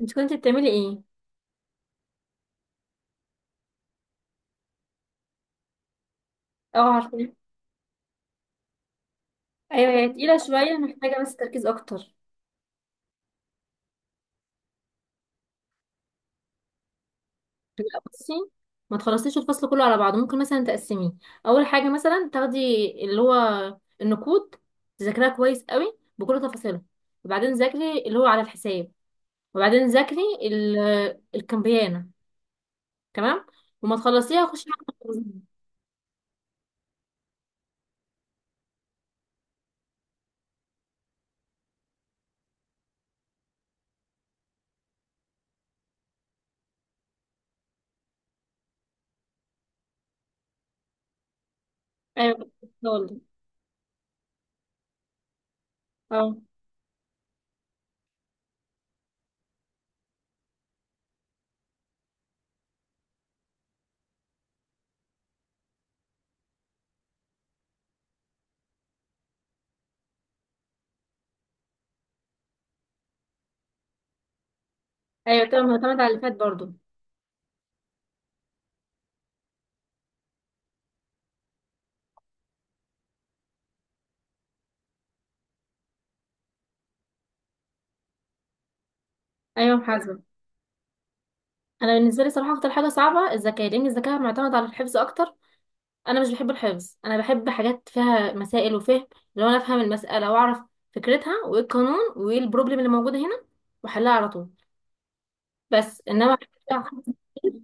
انت كنت بتعملي ايه؟ اه، عارفه. ايوه، هي تقيله شويه، محتاجه بس تركيز اكتر. لا، بصي، ما تخلصيش الفصل كله على بعضه، ممكن مثلا تقسميه. اول حاجه مثلا تاخدي اللي هو النقود، تذاكريها كويس قوي بكل تفاصيلها، وبعدين ذاكري اللي هو على الحساب، وبعدين ذاكري الكمبيانه. تمام، وما تخلصيها خشي على التخزين. ايوه، كنت لسه هقولك. اه، ايوه، تمام، معتمد على اللي فات برضه. ايوه، محاسبه. انا بالنسبه لي صراحه اكتر حاجه صعبه الذكاء، لان الذكاء معتمد على الحفظ اكتر. انا مش بحب الحفظ، انا بحب حاجات فيها مسائل وفهم. لو انا افهم المساله واعرف فكرتها وايه القانون وايه البروبلم اللي موجوده هنا واحلها على طول. بس انما حاجات فيها حفظ كتير.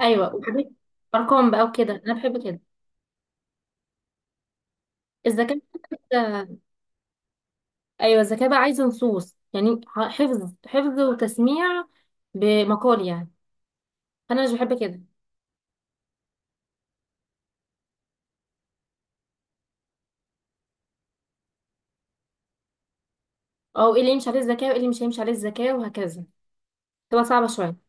ايوه، وحاجات ارقام بقى وكده، انا بحب كده. الذكاء. ايوه، الذكاء بقى عايز نصوص، يعني حفظ حفظ وتسميع، بمقال يعني. انا مش بحب كده. او ايه اللي يمشي عليه الذكاء وايه اللي مش هيمشي عليه الذكاء وهكذا، تبقى صعبه شويه.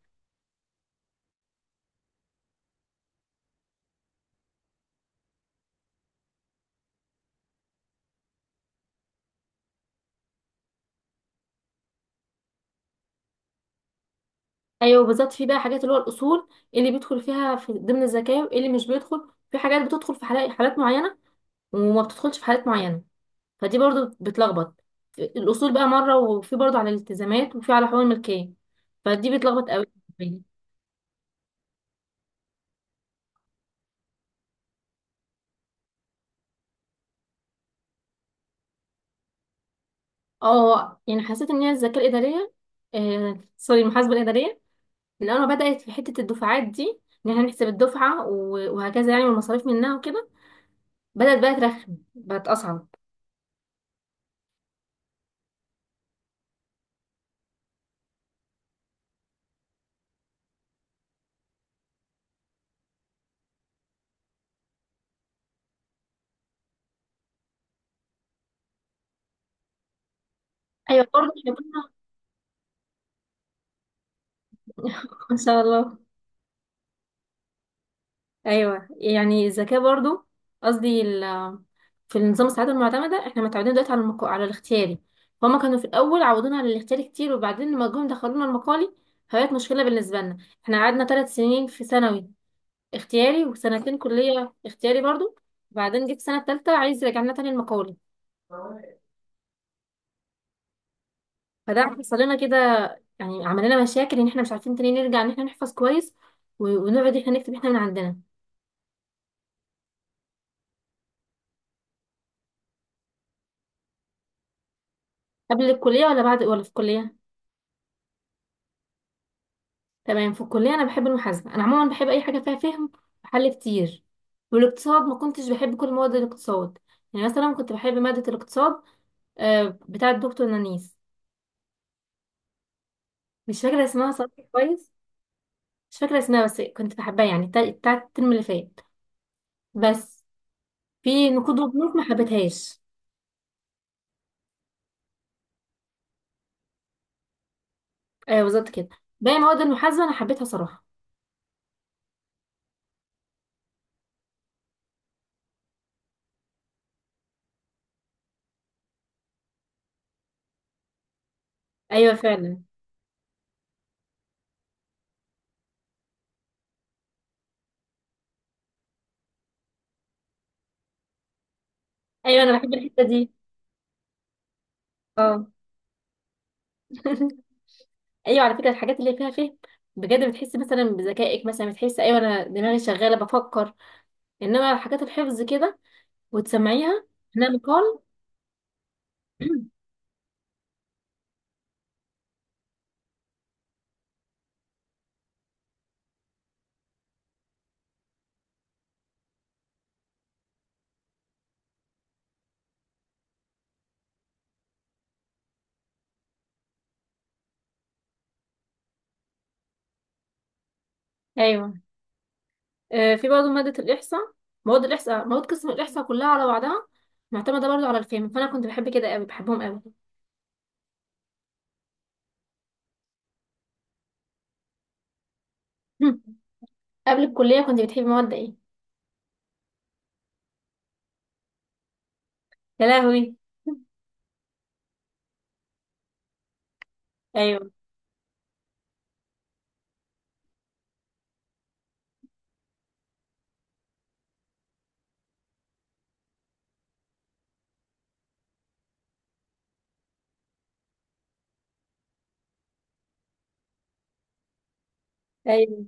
ايوه بالظبط، في بقى حاجات اللي هو الاصول، اللي بيدخل فيها في ضمن الزكاه واللي مش بيدخل. في حاجات بتدخل في حالات معينه وما بتدخلش في حالات معينه، فدي برضو بتلخبط. الاصول بقى مره، وفي برضو على الالتزامات، وفي على حقوق الملكيه، فدي بتلخبط قوي. اه يعني حسيت ان هي الزكاه الاداريه، آه سوري المحاسبه الاداريه، من اول ما بدات في حته الدفعات دي، ان احنا نحسب الدفعه و- وهكذا يعني، والمصاريف منها وكده، بدات بقى ترخم، بقت اصعب. ايوه برضه احنا كنا. ان شاء الله. ايوه يعني الذكاء برضو، قصدي في النظام السعاده المعتمده احنا متعودين دلوقتي على على الاختياري، فهم كانوا في الاول عودونا على الاختياري كتير، وبعدين لما جم دخلونا المقالي، فبقت مشكله بالنسبه لنا. احنا قعدنا 3 سنين في ثانوي اختياري، وسنتين كليه اختياري برضو، وبعدين جيت السنه الثالثه عايز يرجعنا تاني المقالي. فده حصل لنا كده، يعني عمل لنا مشاكل ان احنا مش عارفين تاني نرجع ان احنا نحفظ كويس، و- ونقعد احنا نكتب احنا من عندنا. قبل الكليه ولا بعد ولا في الكليه؟ تمام، في الكلية أنا بحب المحاسبة، أنا عموما بحب أي حاجة فيها فهم وحل كتير. والاقتصاد ما كنتش بحب كل مواد الاقتصاد، يعني مثلا كنت بحب مادة الاقتصاد بتاعة الدكتور نانيس، مش فاكرة اسمها صراحة كويس. مش فاكرة اسمها بس كنت بحبها، يعني بتاعة الترم اللي فات بس. في نقود وبنوك ما حبيتهاش. أيوة بالظبط كده، باقي مواد المحاسبة أنا حبيتها صراحة. أيوة فعلا. أيوة أنا بحب الحتة دي. اه. ايوه على فكره، الحاجات اللي فيها فهم بجد بتحسي مثلا بذكائك، مثلا بتحسي ايوه انا دماغي شغاله بفكر. انما الحاجات الحفظ كده وتسمعيها، انها مقال. ايوه. في برضه ماده الاحصاء، مواد الاحصاء، مواد قسم الاحصاء كلها على بعضها معتمده برضه على الفهم، فانا كنت بحب كده قوي، بحبهم قوي. قبل الكليه كنت بتحبي مواد ايه؟ يا لهوي. ايوه، ايوه،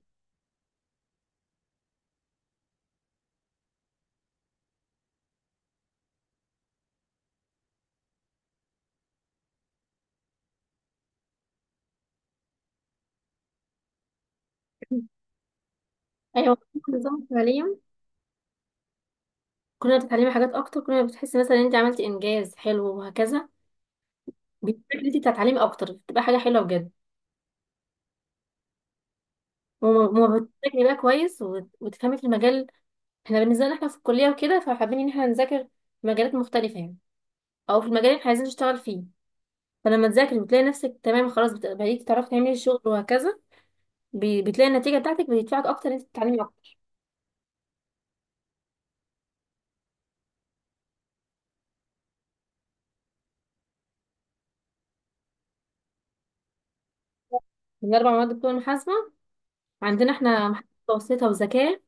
ايوه. نظام التعليم، كنا بتتعلمي حاجات اكتر، كنا بتحسي مثلا ان انت عملتي انجاز حلو وهكذا، بتفيدك انت تتعلمي اكتر، بتبقى حاجه حلوه بجد. وما بتذاكري بقى كويس وتفهمي في المجال. احنا بالنسبه لنا احنا في الكليه وكده، فحابين ان احنا نذاكر في مجالات مختلفه يعني، او في المجال اللي احنا عايزين نشتغل فيه. فلما تذاكري وتلاقي نفسك تمام خلاص، بقيتي تعرفي تعملي الشغل وهكذا، بتلاقي النتيجه بتاعتك بتدفعك اكتر ان انت تتعلمي اكتر. من 4 مواد بتوع المحاسبه، عندنا احنا محاسبه متوسطه وذكاء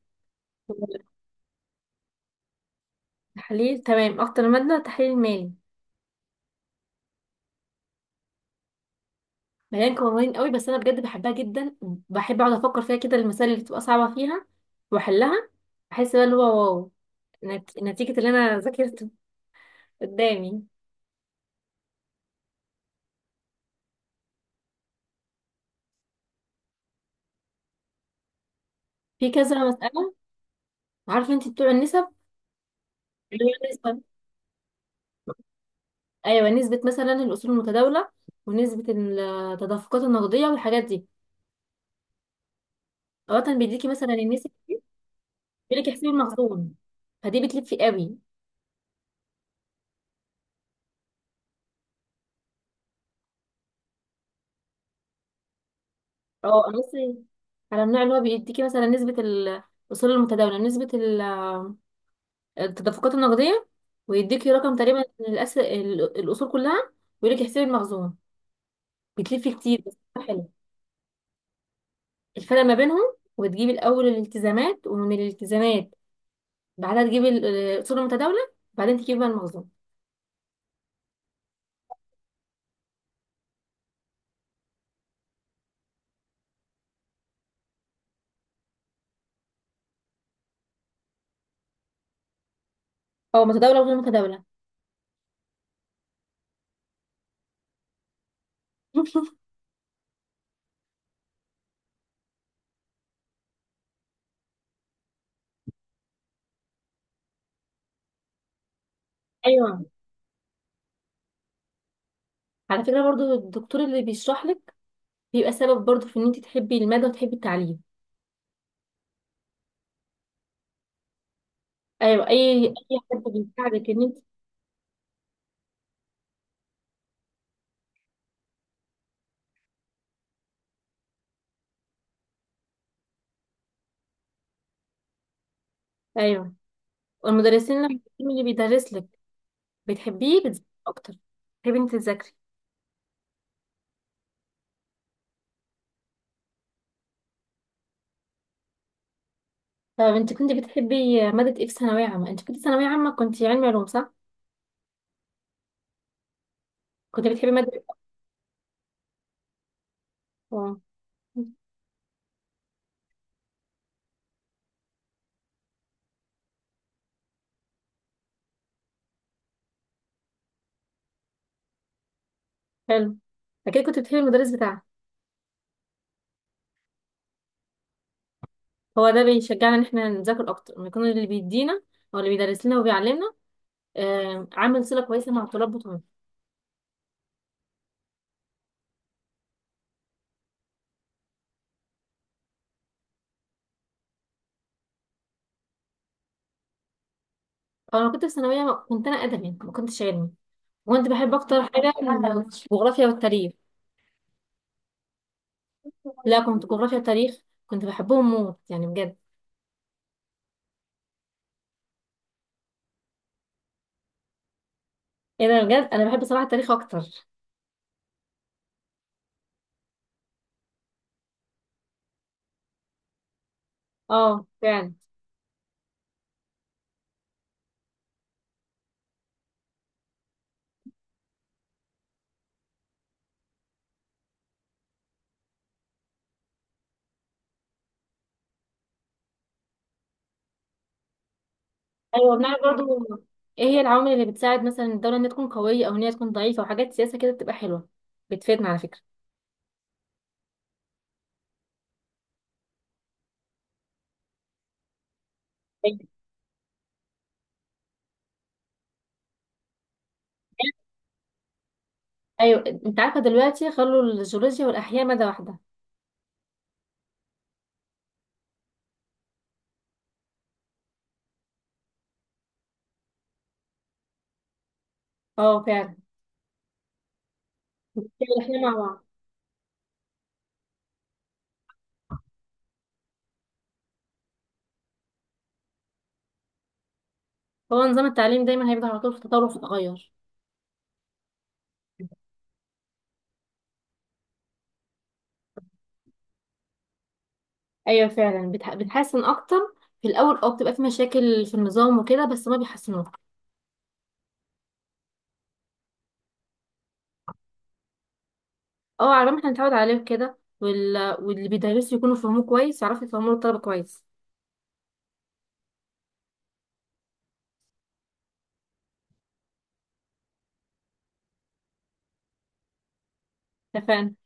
وتحليل. تمام، اكتر ماده تحليل مالي، مليان قوانين قوي بس انا بجد بحبها جدا. بحب اقعد افكر فيها كده، المسائل اللي بتبقى صعبه فيها واحلها، بحس بقى اللي هو واو، نتيجه اللي انا ذاكرته قدامي في كذا مساله. عارفه انت بتوع النسب، اللي هي النسبه. ايوه نسبه، مثلا الاصول المتداوله، ونسبه التدفقات النقديه، والحاجات دي، اوقات بيديكي مثلا النسب، بيقول لك احسبي المخزون. فدي بتلف في قوي. اه انا بصي على النوع اللي هو بيديكي مثلا نسبه الاصول المتداوله، نسبه التدفقات النقدية، ويديكي رقم تقريبا الأصول كلها، ويقولك احسبي المخزون. بتلفي كتير بس بتبقى حلو. الفرق ما بينهم وتجيبي الأول الالتزامات، ومن الالتزامات بعدها تجيبي الأصول المتداولة، بعدين تجيبي بقى المخزون. أو متداولة وغير متداولة. أيوه على فكرة، برضو الدكتور اللي بيشرح لك بيبقى سبب برضو في إن أنت تحبي المادة وتحبي التعليم. أيوه، أي حد بيساعدك إن أنت. أيوه، والمدرسين اللي بيدرس لك بتحبيه بتذاكري أكتر، تحبي أنت تذاكري. طب انت كنت بتحبي مادة ايه في ثانوية عامة؟ انت كنت ثانوية عامة كنت علمي علوم صح؟ كنت بتحبي مادة. اه. حلو، اكيد كنت بتحبي المدرس بتاعك. هو ده بيشجعنا ان احنا نذاكر اكتر، ان يكون اللي بيدينا او اللي بيدرس لنا وبيعلمنا عامل صلة كويسة مع الطلاب بتوعنا. انا كنت في ثانوية كنت انا ادبي ما كنتش علمي، وكنت بحب اكتر حاجة الجغرافيا والتاريخ. لا كنت جغرافيا وتاريخ، كنت بحبهم موت يعني بجد. ايه ده، بجد انا بحب صراحة التاريخ اكتر. اه فعلا. ايوه بنعرف برضو ايه هي العوامل اللي بتساعد مثلا الدوله انها تكون قويه او ان هي تكون ضعيفه، وحاجات سياسه كده بتبقى حلوه، بتفيدنا على فكره. ايوه. أيوة، انت عارفه دلوقتي خلوا الجيولوجيا والاحياء ماده واحده. اه فعلا، الاحياء مع بعض. هو نظام التعليم دايما هيبقى على طول في تطور وفي تغير. ايوه فعلا، بتحسن اكتر. في الاول بتبقى في مشاكل في النظام وكده بس ما بيحسنوه. اه، على ما احنا نتعود عليه كده واللي بيدرسوا يكونوا فاهموه كويس يعرفوا يفهموا الطلبه كويس. اتفقنا.